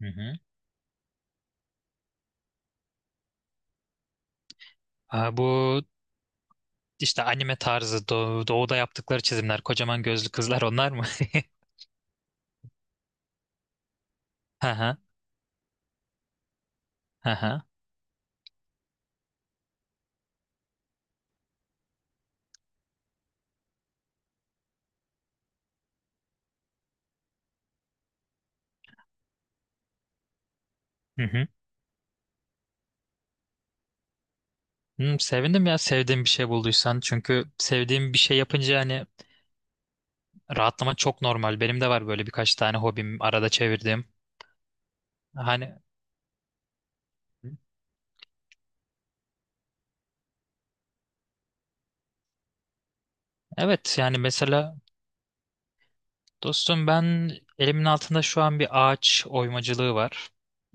Hı hı. Ha, bu işte anime tarzı doğuda yaptıkları çizimler, kocaman gözlü kızlar onlar mı? Hı hı. Hı hı. Hı hı. Sevindim ya sevdiğim bir şey bulduysan. Çünkü sevdiğim bir şey yapınca hani rahatlama çok normal. Benim de var böyle birkaç tane hobim arada çevirdiğim. Hani evet, yani mesela dostum ben elimin altında şu an bir ağaç oymacılığı var.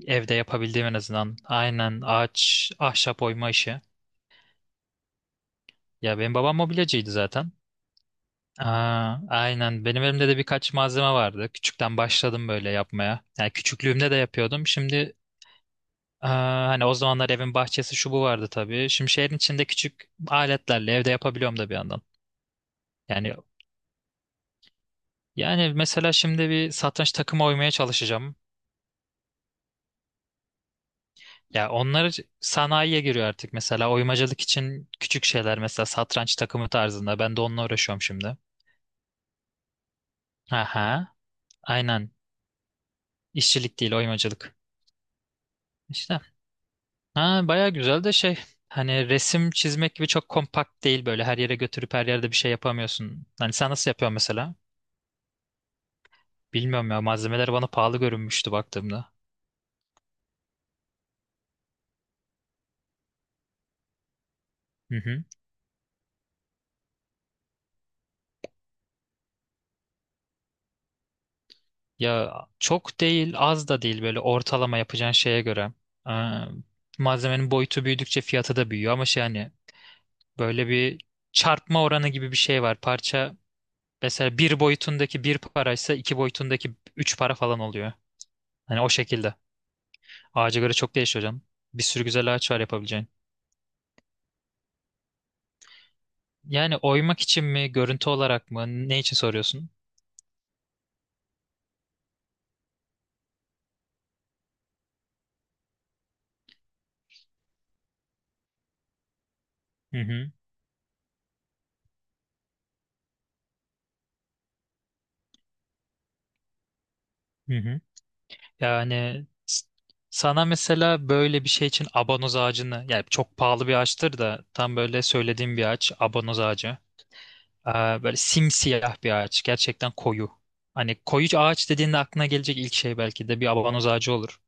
Evde yapabildiğim en azından. Aynen, ağaç, ahşap oyma işi. Ya benim babam mobilyacıydı zaten. Aynen. Benim elimde de birkaç malzeme vardı. Küçükten başladım böyle yapmaya. Yani küçüklüğümde de yapıyordum. Şimdi hani o zamanlar evin bahçesi şu bu vardı tabii. Şimdi şehrin içinde küçük aletlerle evde yapabiliyorum da bir yandan. Yani yani mesela şimdi bir satranç takımı oymaya çalışacağım. Ya onlar sanayiye giriyor artık, mesela oymacılık için küçük şeyler, mesela satranç takımı tarzında. Ben de onunla uğraşıyorum şimdi. Aha, aynen. İşçilik değil, oymacılık. İşte ha, baya güzel de şey, hani resim çizmek gibi çok kompakt değil, böyle her yere götürüp her yerde bir şey yapamıyorsun. Hani sen nasıl yapıyorsun mesela? Bilmiyorum ya, malzemeler bana pahalı görünmüştü baktığımda. Hı hı. Ya çok değil, az da değil, böyle ortalama, yapacağın şeye göre. Aa, malzemenin boyutu büyüdükçe fiyatı da büyüyor, ama şey, hani böyle bir çarpma oranı gibi bir şey var. Parça, mesela bir boyutundaki bir paraysa iki boyutundaki üç para falan oluyor. Hani o şekilde. Ağaca göre çok değişiyor hocam. Bir sürü güzel ağaç var yapabileceğin. Yani oymak için mi, görüntü olarak mı, ne için soruyorsun? Hı hı, hı hı. Yani s- sana mesela böyle bir şey için abanoz ağacını, yani çok pahalı bir ağaçtır da tam böyle söylediğim bir ağaç, abanoz ağacı. Böyle simsiyah bir ağaç, gerçekten koyu. Hani koyu ağaç dediğinde aklına gelecek ilk şey belki de bir abanoz ağacı olur.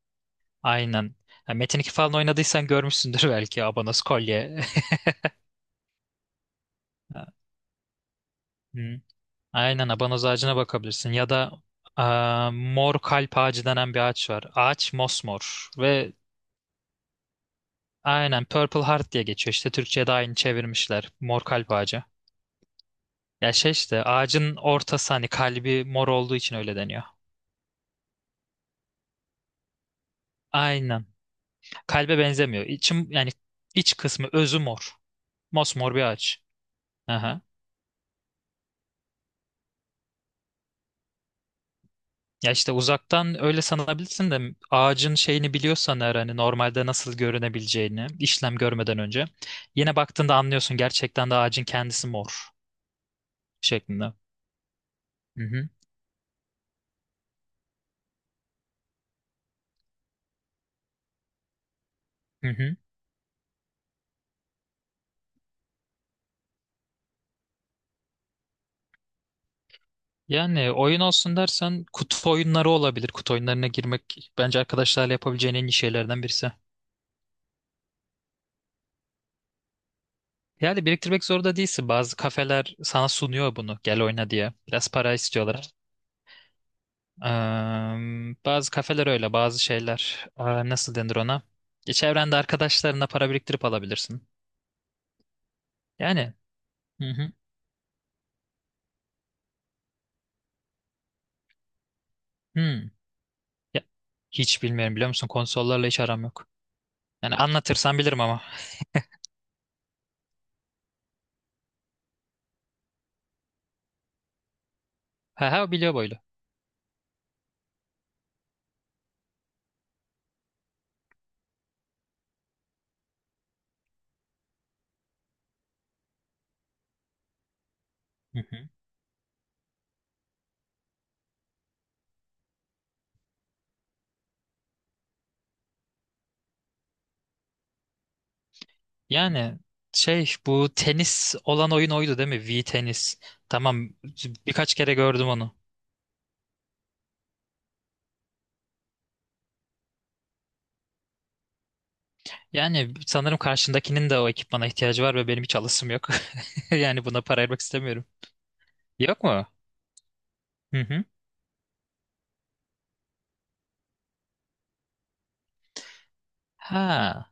Aynen. Ha, Metin 2 falan oynadıysan görmüşsündür belki, abanoz kolye. Hı. Aynen, abanoz ağacına bakabilirsin ya da mor kalp ağacı denen bir ağaç var. Ağaç mosmor ve aynen Purple Heart diye geçiyor. İşte Türkçe'ye de aynı çevirmişler. Mor kalp ağacı. Ya şey, işte ağacın ortası, hani kalbi mor olduğu için öyle deniyor. Aynen. Kalbe benzemiyor. İçim, yani iç kısmı, özü mor. Mosmor bir ağaç. Aha. Ya işte uzaktan öyle sanabilirsin de, ağacın şeyini biliyorsan eğer, hani normalde nasıl görünebileceğini işlem görmeden önce, yine baktığında anlıyorsun gerçekten de ağacın kendisi mor şeklinde. Hı hı, hı hı. Yani oyun olsun dersen kutu oyunları olabilir. Kutu oyunlarına girmek bence arkadaşlarla yapabileceğin en iyi şeylerden birisi. Yani biriktirmek zorunda değilsin. Bazı kafeler sana sunuyor bunu, gel oyna diye. Biraz para istiyorlar. Eee, bazı kafeler öyle, bazı şeyler. Nasıl denir ona? Çevrende, arkadaşlarına para biriktirip alabilirsin. Yani. Hı hı. Hmm. Ya, hiç bilmiyorum, biliyor musun? Konsollarla hiç aram yok. Yani anlatırsan bilirim ama. Ha ha, biliyor boylu. Hı hı. Yani şey, bu tenis olan oyun oydu değil mi? V tenis. Tamam, birkaç kere gördüm onu. Yani sanırım karşındakinin de o ekipmana ihtiyacı var ve benim hiç alışım yok. Yani buna para ayırmak istemiyorum. Yok mu? Hı hı. Ha.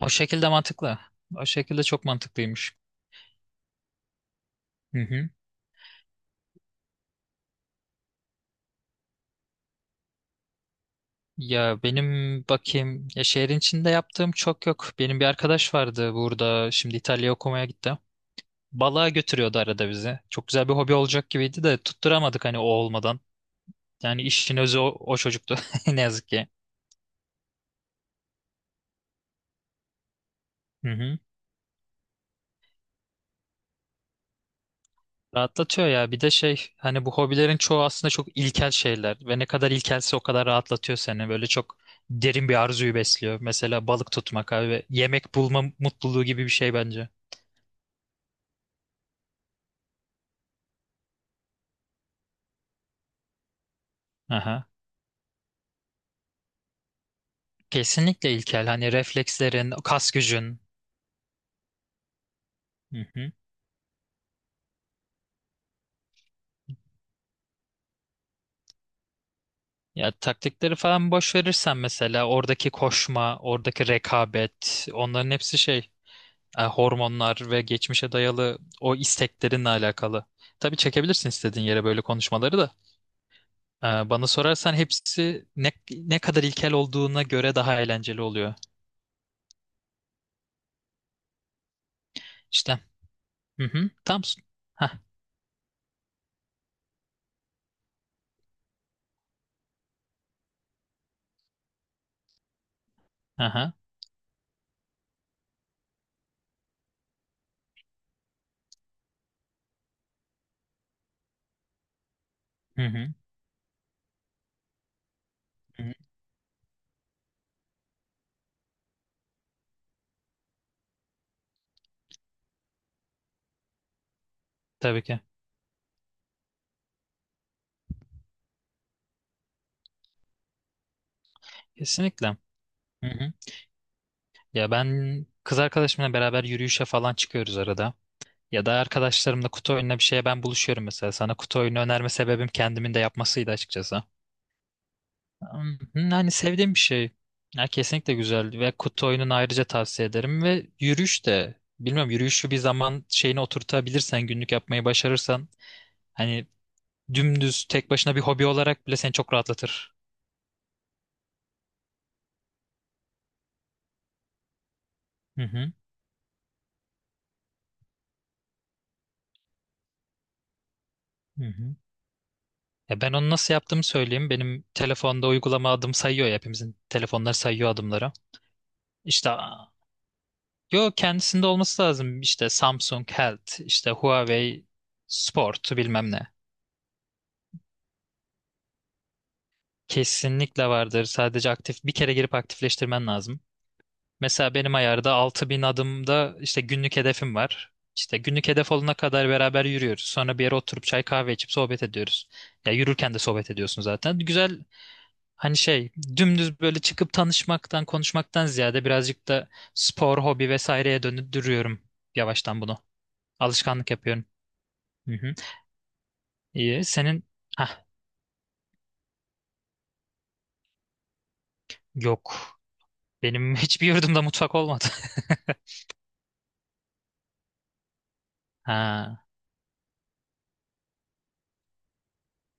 O şekilde mantıklı. O şekilde çok mantıklıymış. Hı hı. Ya benim, bakayım ya, şehrin içinde yaptığım çok yok. Benim bir arkadaş vardı burada, şimdi İtalya'ya okumaya gitti. Balığa götürüyordu arada bizi. Çok güzel bir hobi olacak gibiydi de tutturamadık, hani o olmadan. Yani işin özü o, o çocuktu ne yazık ki. Hı hı. Rahatlatıyor ya. Bir de şey, hani bu hobilerin çoğu aslında çok ilkel şeyler ve ne kadar ilkelse o kadar rahatlatıyor seni. Böyle çok derin bir arzuyu besliyor. Mesela balık tutmak abi, ve yemek bulma mutluluğu gibi bir şey bence. Aha. Kesinlikle ilkel. Hani reflekslerin, kas gücün. Hı hı. Ya taktikleri falan boş verirsen, mesela oradaki koşma, oradaki rekabet, onların hepsi şey, hormonlar ve geçmişe dayalı o isteklerinle alakalı. Tabii çekebilirsin istediğin yere böyle konuşmaları da. Bana sorarsan hepsi, ne kadar ilkel olduğuna göre daha eğlenceli oluyor. İşte. Hı hı. Tam. Hah. Aha. Hı hı. Hı hı. Tabii ki. Kesinlikle. Hı hı. Ya ben kız arkadaşımla beraber yürüyüşe falan çıkıyoruz arada. Ya da arkadaşlarımla kutu oyununa bir şeye ben buluşuyorum mesela. Sana kutu oyunu önerme sebebim kendimin de yapmasıydı açıkçası. Yani sevdiğim bir şey. Ya kesinlikle güzel, ve kutu oyununu ayrıca tavsiye ederim, ve yürüyüş de, bilmiyorum, yürüyüşü bir zaman şeyine oturtabilirsen, günlük yapmayı başarırsan, hani dümdüz tek başına bir hobi olarak bile seni çok rahatlatır. Hı hı. Hı hı. Ya ben onu nasıl yaptığımı söyleyeyim. Benim telefonda uygulama adım sayıyor ya, hepimizin telefonları sayıyor adımları. İşte yo, kendisinde olması lazım. İşte Samsung Health, işte Huawei Sport bilmem ne. Kesinlikle vardır. Sadece aktif bir kere girip aktifleştirmen lazım. Mesela benim ayarda 6.000 adımda işte günlük hedefim var. İşte günlük hedef olana kadar beraber yürüyoruz. Sonra bir yere oturup çay kahve içip sohbet ediyoruz. Ya yürürken de sohbet ediyorsun zaten. Güzel, hani şey, dümdüz böyle çıkıp tanışmaktan konuşmaktan ziyade birazcık da spor, hobi vesaireye döndürüyorum yavaştan bunu. Alışkanlık yapıyorum. Hı hı. İyi. Senin hah, yok. Benim hiçbir yurdumda mutfak olmadı. Ha,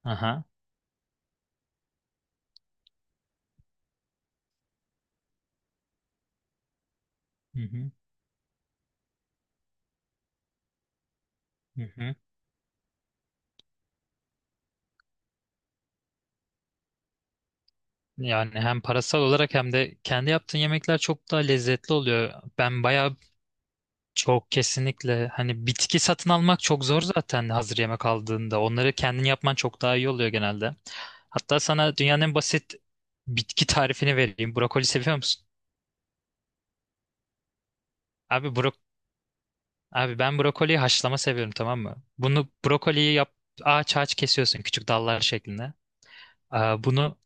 aha. Hı hı. Hı hı. Yani hem parasal olarak, hem de kendi yaptığın yemekler çok daha lezzetli oluyor. Ben bayağı, çok kesinlikle, hani bitki satın almak çok zor zaten hazır yemek aldığında. Onları kendin yapman çok daha iyi oluyor genelde. Hatta sana dünyanın en basit bitki tarifini vereyim. Brokoli seviyor musun? Abi bro abi ben brokoliyi haşlama seviyorum, tamam mı? Bunu, brokoliyi yap, ağaç ağaç kesiyorsun küçük dallar şeklinde. Bunu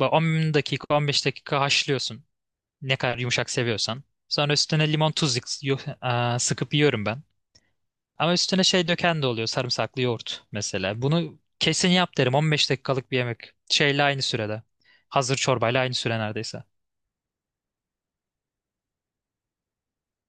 10 dakika 15 dakika haşlıyorsun. Ne kadar yumuşak seviyorsan. Sonra üstüne limon tuz sıkıp yiyorum ben. Ama üstüne şey döken de oluyor, sarımsaklı yoğurt mesela. Bunu kesin yap derim, 15 dakikalık bir yemek. Şeyle aynı sürede. Hazır çorbayla aynı süre neredeyse.